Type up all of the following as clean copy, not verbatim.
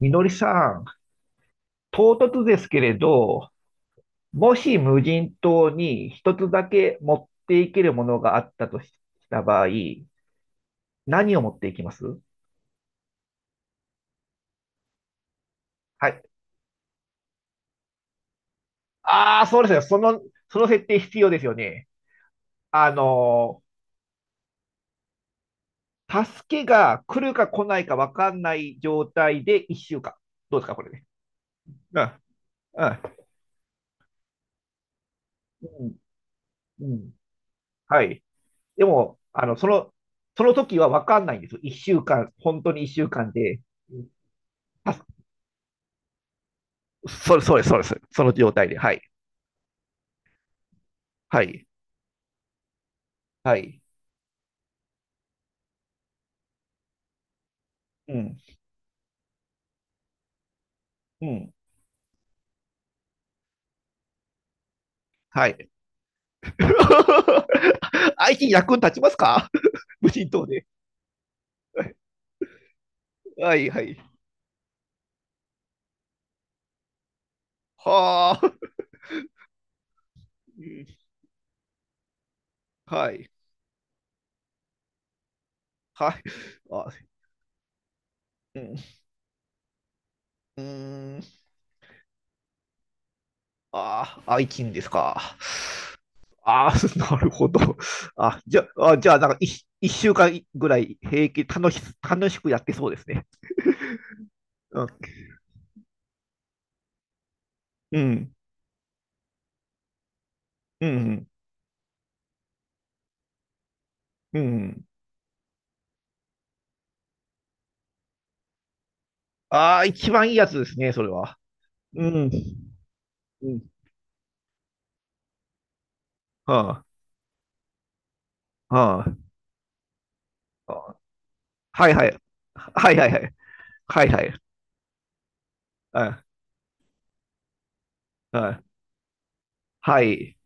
みのりさん、唐突ですけれど、もし無人島に一つだけ持っていけるものがあったとした場合、何を持っていきます？はい。ああ、そうですよ。その設定必要ですよね。あの助けが来るか来ないか分かんない状態で1週間。どうですか、これね。うん。うん。うん。うん。はい。でも、その時は分かんないんですよ。1週間、本当に1週間で、助そうです、そうです。その状態で。はい。はい。はい。うん。うん。はい。IT に役に立ちますか？ 無人島で。はい、はい。はあ。うん。はい。はい。あうん。うーん。ああ、愛人ですか？ああ、なるほど。じゃあ、なんか一週間ぐらい平気、楽しくやってそうですね。うん。うん。うん。うん。ああ、一番いいやつですね、それは。うん。うん。はあ、はあ、はあ、はい、はい。はい、はい、はい。はい、はい。はい。はい。はい。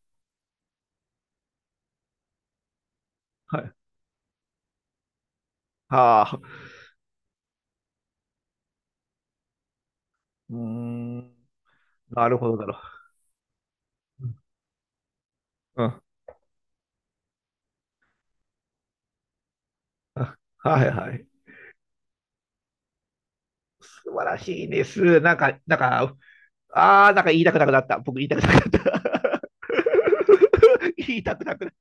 はい、はあ。うーん。なるほどだろう。うん。はい、はい。素晴らしいです。なんか、ああ、なんか言いたくなくなった。僕言いたくなくなった。言いたくなくなっ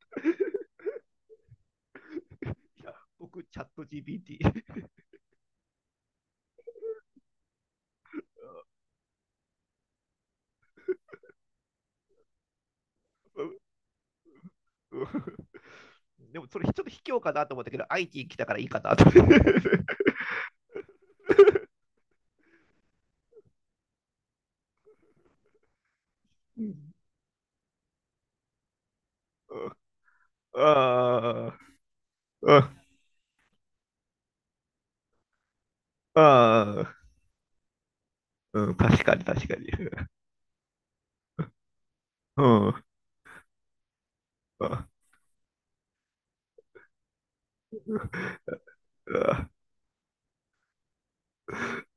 た。僕、チャット GPT。うん。うん。でも、それちょっと卑怯かなと思ったけど、IT 来たからいいかなと。うん。ああ、うん。ああ、うん、確かに確かに。うん。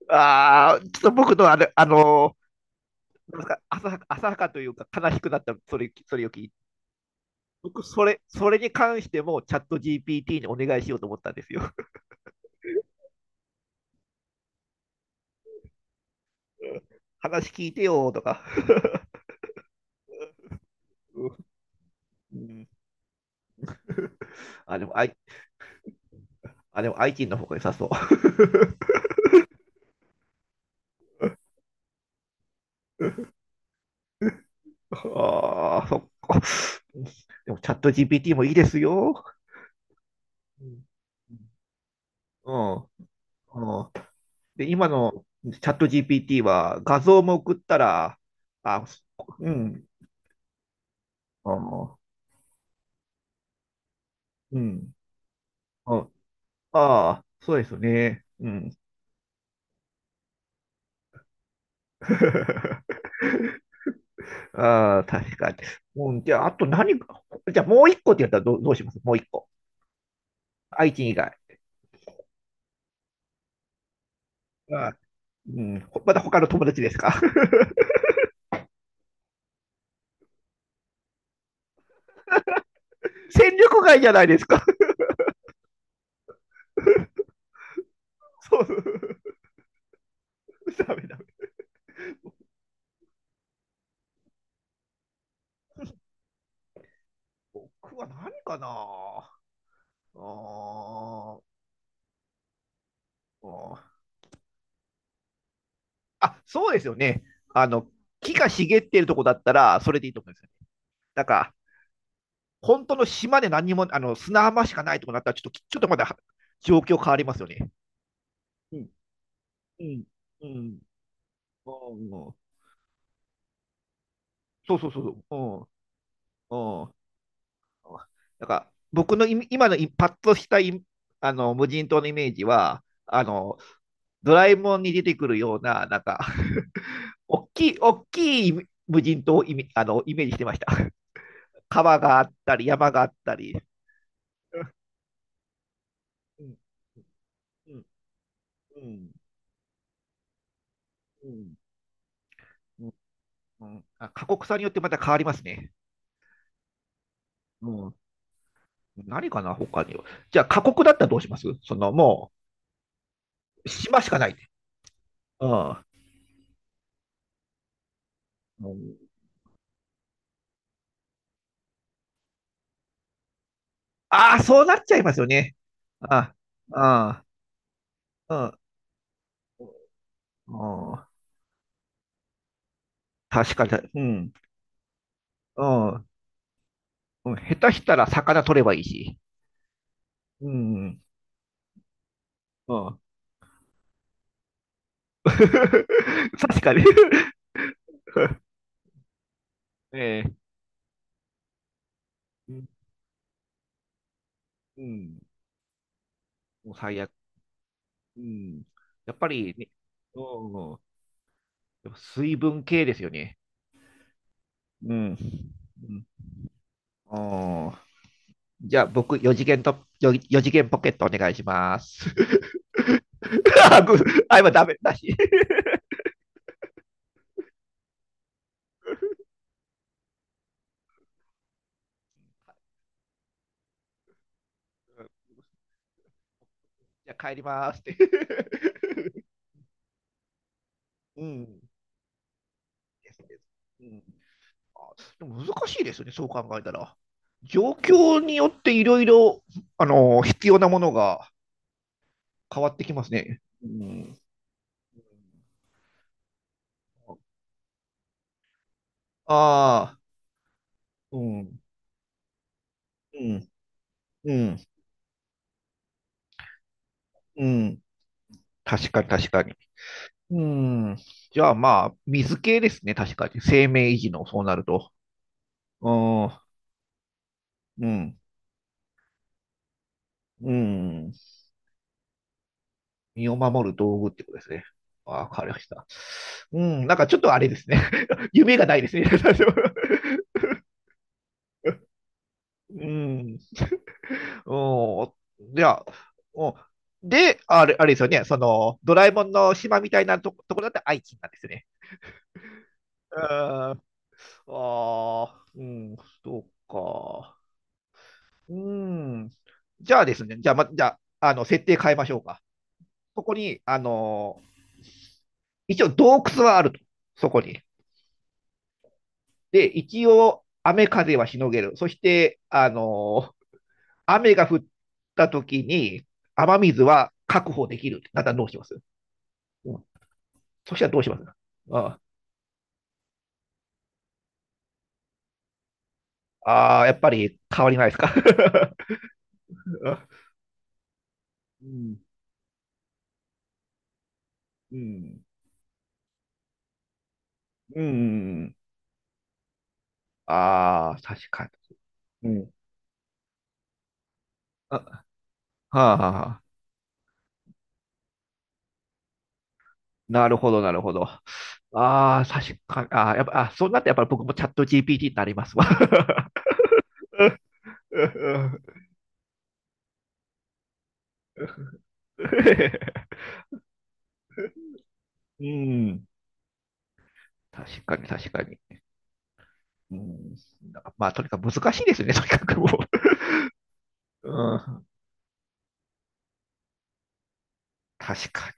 ああー、ちょっと僕のあれ、なんか浅はかというか悲しくなった、それを聞いて。僕、それに関してもチャット GPT にお願いしようと思ったんですよ。話聞いてよーとか。うん。あ、でも、あい、あ、でもアイティ t の方が良さそう。ああ、そっか。でも、チャット GPT もいいですよ。うん。うん。うん。で、今のチャット GPT は画像も送ったら、あ、うん、あー、うん、あ、あー、そうですね。うん。ああ、確かに。うん、じゃあ、あと何か、じゃあもう一個って言ったらどうします？もう一個。愛知以外。あー、うん、まだ他の友達ですか？ 戦力外じゃないですか？ そう。ダメダメ。僕は何かなあー、あー、あ、そうですよね。あの、木が茂っているとこだったら、それでいいと思うんですよね。だから、本当の島で何にも、砂浜しかないとこだったら、ちょっとまだ状況変わりますよね。うん、うん、うん、うん。うん。そうそうそうそう、うん、うん。なんか僕の今のパッとしたあの無人島のイメージは、ドラえもんに出てくるような、なんか、大きい無人島をイメージしてました。川があったり、山があったり。うん、うん、うん、うん、うん、うんあ、過酷さによってまた変わりますね。うん。何かな、他には。じゃあ、過酷だったらどうします？その、もう、島しかない。うん。うん。ああ、そうなっちゃいますよね。あ、あ、あ、うん、うん、確かに、うん、うん、うん、下手したら魚取ればいいし。うん、うん。確かにね。 え、うん、うん。もう最悪。うん。やっぱりね、うん、やっぱ水分系ですよね。うん。うん。おじゃあ、僕、4次元と、よ四次元ポケットお願いします。あ、ぐ今ダメだし。じゃあ、帰りますって。うん。です。うん、あでも難しいですね、そう考えたら。状況によっていろいろ、必要なものが変わってきますね。うん。ああ、うん。うん。うん、うん。確かに確かに。うん。じゃあまあ、水系ですね、確かに。生命維持の、そうなると。うん、うん、うん。身を守る道具ってことですね。わかりました。うん、なんかちょっとあれですね。夢がないですね。うん。うん。じゃあ、うん。で、あれですよね。その、ドラえもんの島みたいなところだって愛知なんですね。うん。ああ、うん、そうか。うーん。じゃあですね、じゃあ、ま、じゃあ、設定変えましょうか。ここに、一応洞窟はあると。そこに。で、一応、雨風はしのげる。そして、雨が降った時に、雨水は確保できる。だったらどうします？うん。そしたらどうします？ああー、やっぱり変わりないですか？ うん、うん、うん、うん。ああ、確かに。うん。あ、はあ、はあはあ。なるほど、なるほど。ああ、確かに。ああ、やっぱ、そうなってやっぱり僕もチャット GPT になりますわ。うん。確かに、確かに。うん。まあ、とにかく難しいですね、とにかくもう。うん。確かに。